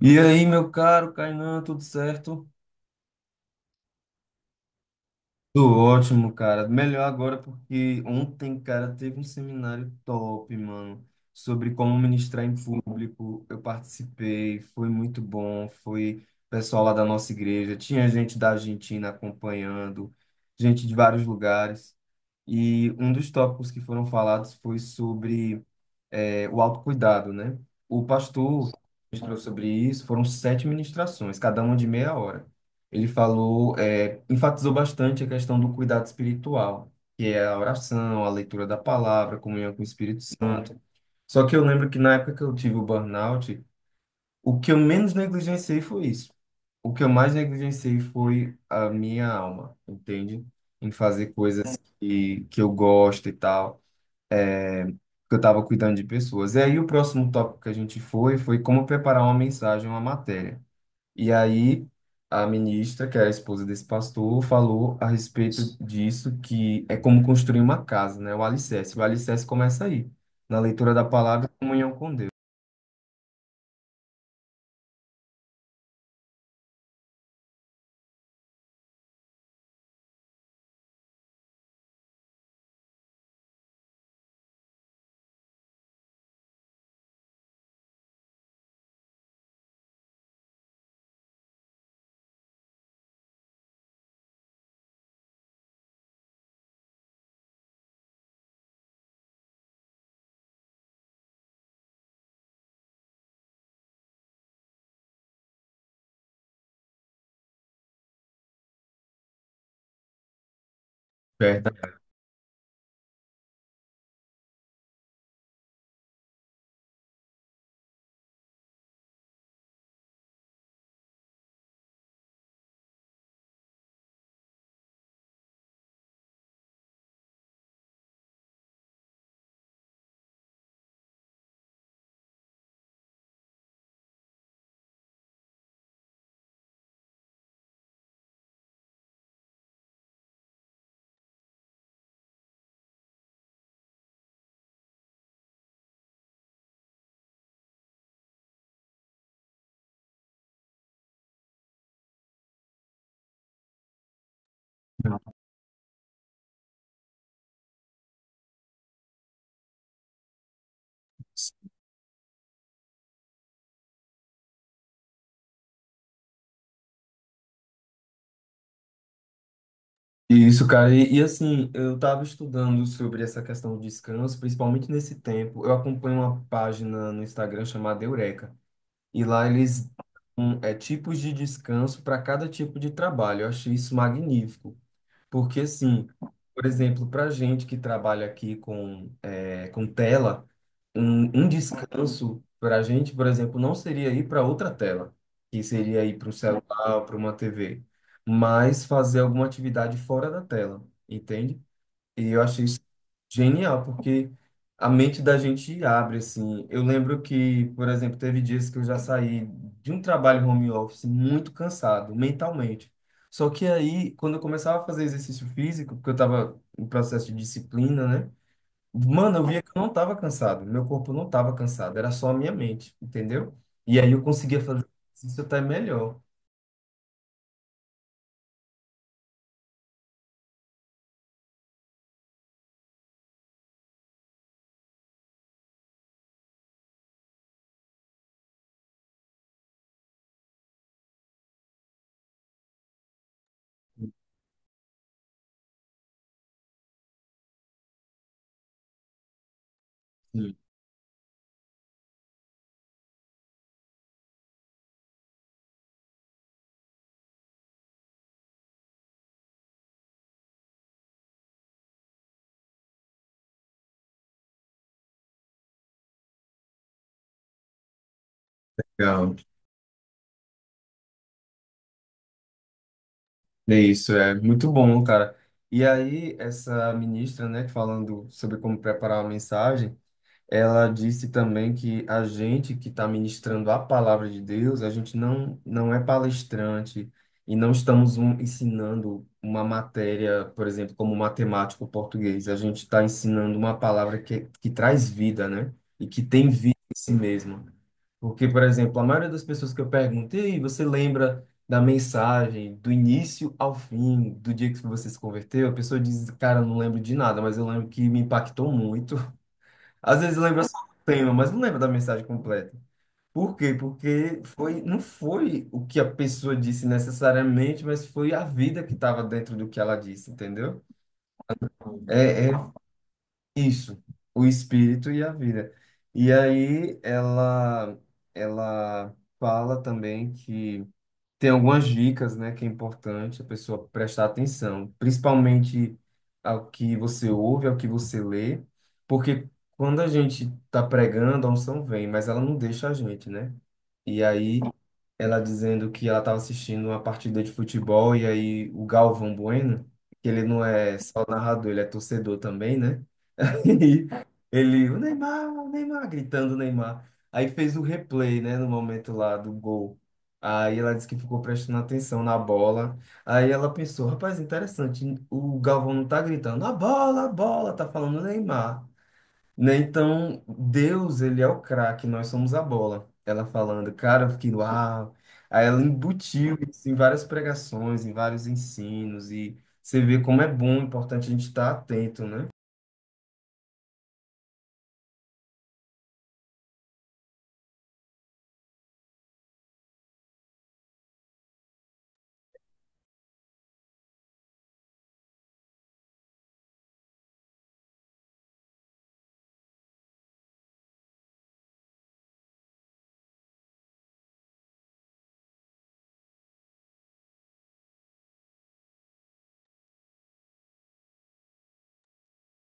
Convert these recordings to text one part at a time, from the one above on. E aí, meu caro Kainan, tudo certo? Tudo ótimo, cara. Melhor agora porque ontem, cara, teve um seminário top, mano, sobre como ministrar em público. Eu participei, foi muito bom. Foi pessoal lá da nossa igreja, tinha gente da Argentina acompanhando, gente de vários lugares. E um dos tópicos que foram falados foi sobre o autocuidado, né? O pastor ministrou sobre isso, foram sete ministrações, cada uma de meia hora. Ele falou, enfatizou bastante a questão do cuidado espiritual, que é a oração, a leitura da palavra, a comunhão com o Espírito Santo. Só que eu lembro que na época que eu tive o burnout, o que eu menos negligenciei foi isso. O que eu mais negligenciei foi a minha alma, entende? Em fazer coisas que eu gosto e tal que eu estava cuidando de pessoas. E aí o próximo tópico que a gente foi como preparar uma mensagem, uma matéria. E aí a ministra, que era a esposa desse pastor, falou a respeito disso, que é como construir uma casa, né? O alicerce. O alicerce começa aí, na leitura da palavra, e comunhão com Deus. Certo. Isso, cara. E, assim, eu estava estudando sobre essa questão do descanso, principalmente nesse tempo. Eu acompanho uma página no Instagram chamada Eureka. E lá eles dão tipos de descanso para cada tipo de trabalho. Eu achei isso magnífico, porque assim, por exemplo, para gente que trabalha aqui com, é, com tela, um descanso para a gente, por exemplo, não seria ir para outra tela, que seria ir para um celular, para uma TV, mas fazer alguma atividade fora da tela, entende? E eu achei isso genial, porque a mente da gente abre, assim. Eu lembro que, por exemplo, teve dias que eu já saí de um trabalho home office muito cansado, mentalmente. Só que aí, quando eu começava a fazer exercício físico, porque eu estava em processo de disciplina, né? Mano, eu via que eu não estava cansado, meu corpo não estava cansado, era só a minha mente, entendeu? E aí eu conseguia fazer isso até melhor. Sim. É isso, é muito bom, cara. E aí, essa ministra, né, falando sobre como preparar uma mensagem, ela disse também que a gente que está ministrando a palavra de Deus, a gente não é palestrante e não estamos ensinando uma matéria, por exemplo, como matemática ou português. A gente está ensinando uma palavra que traz vida, né? E que tem vida em si mesma. Porque, por exemplo, a maioria das pessoas que eu perguntei, você lembra da mensagem, do início ao fim, do dia que você se converteu? A pessoa diz, cara, eu não lembro de nada, mas eu lembro que me impactou muito. Às vezes lembra só o tema, mas não lembra da mensagem completa. Por quê? Porque não foi o que a pessoa disse necessariamente, mas foi a vida que estava dentro do que ela disse, entendeu? É isso, o espírito e a vida. E aí ela fala também que tem algumas dicas, né, que é importante a pessoa prestar atenção, principalmente ao que você ouve, ao que você lê, porque quando a gente está pregando, a unção vem, mas ela não deixa a gente, né? E aí ela dizendo que ela estava assistindo uma partida de futebol e aí o Galvão Bueno, que ele não é só narrador, ele é torcedor também, né? E ele, o Neymar, gritando o Neymar. Aí fez o replay, né, no momento lá do gol. Aí ela disse que ficou prestando atenção na bola. Aí ela pensou, rapaz, interessante, o Galvão não tá gritando, a bola, tá falando Neymar. Né? Então, Deus, ele é o craque, nós somos a bola. Ela falando, cara, eu fiquei, uau. Aí ela embutiu isso em várias pregações, em vários ensinos, e você vê como é bom, importante a gente estar atento, né?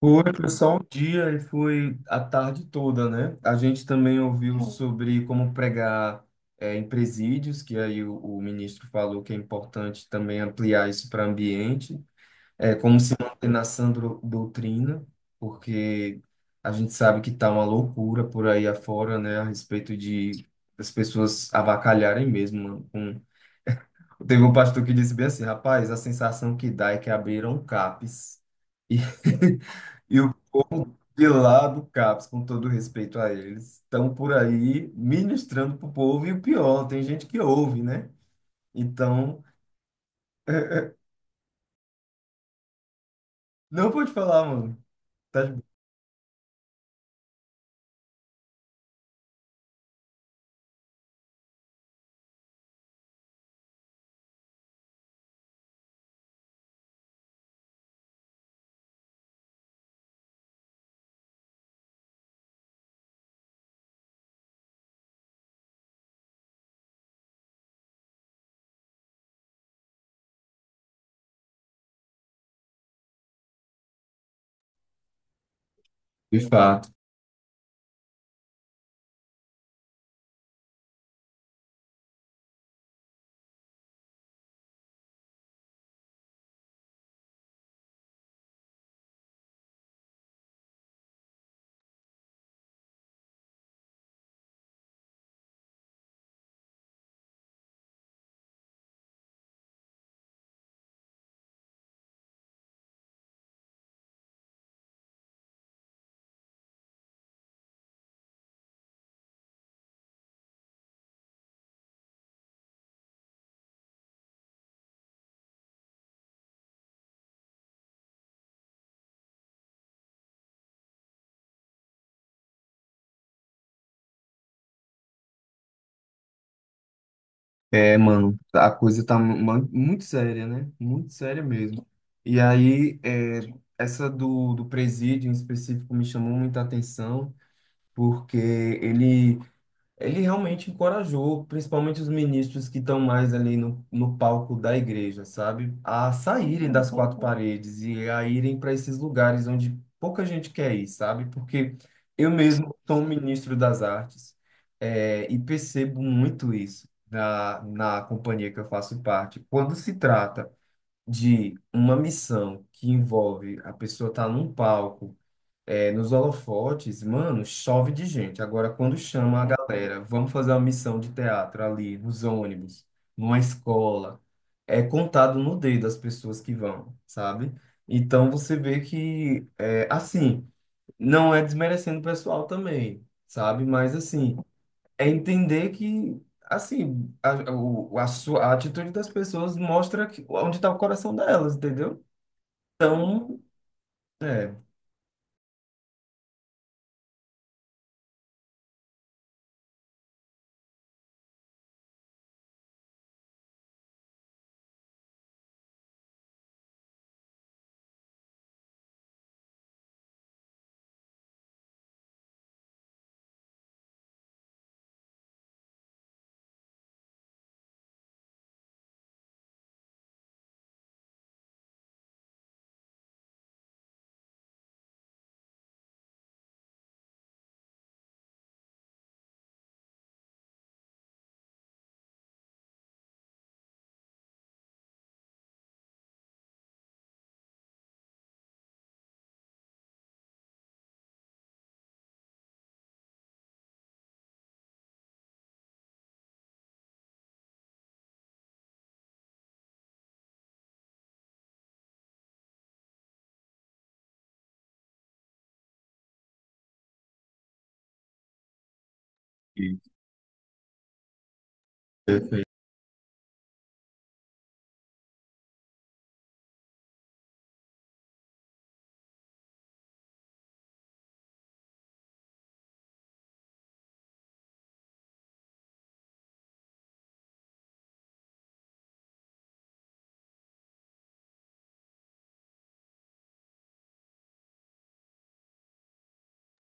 Foi só um dia e foi a tarde toda, né? A gente também ouviu sobre como pregar em presídios, que aí o ministro falou que é importante também ampliar isso para ambiente, é, como se manter na doutrina, porque a gente sabe que tá uma loucura por aí afora, né, a respeito de as pessoas avacalharem mesmo. Teve um pastor que disse bem assim, rapaz, a sensação que dá é que abriram CAPs. E de lá do CAPS, com todo respeito a eles, estão por aí ministrando pro povo e o pior, tem gente que ouve, né? Então, não pode falar, mano. Tá de boa. De fato. É, mano, a coisa tá muito séria, né? Muito séria mesmo. E aí, é, essa do presídio em específico me chamou muita atenção, porque ele Ele realmente encorajou, principalmente os ministros que estão mais ali no palco da igreja, sabe? A saírem das quatro paredes e a irem para esses lugares onde pouca gente quer ir, sabe? Porque eu mesmo sou um ministro das artes, eh, e percebo muito isso na companhia que eu faço parte. Quando se trata de uma missão que envolve a pessoa estar num palco, é, nos holofotes, mano, chove de gente. Agora, quando chama a galera, vamos fazer uma missão de teatro ali, nos ônibus, numa escola, é contado no dedo as pessoas que vão, sabe? Então, você vê que, é, assim, não é desmerecendo o pessoal também, sabe? Mas, assim, é entender que, assim, a, o- a, sua, a atitude das pessoas mostra que, onde está o coração delas, entendeu? Então, é.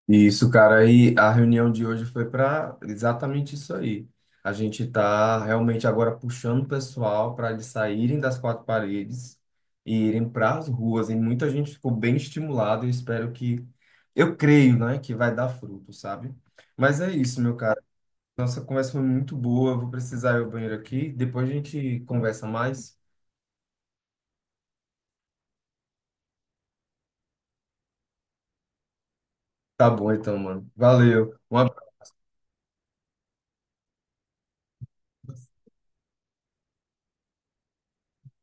Isso, cara, aí a reunião de hoje foi para exatamente isso aí. A gente está realmente agora puxando o pessoal para eles saírem das quatro paredes e irem para as ruas. E muita gente ficou bem estimulada. Eu espero que, eu creio, né, que vai dar fruto, sabe? Mas é isso, meu cara. Nossa conversa foi muito boa. Eu vou precisar ir ao banheiro aqui. Depois a gente conversa mais. Tá bom, então, mano. Valeu. Um abraço.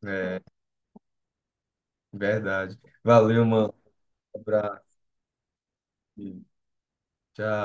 É, verdade. Valeu, mano. Um abraço. Tchau.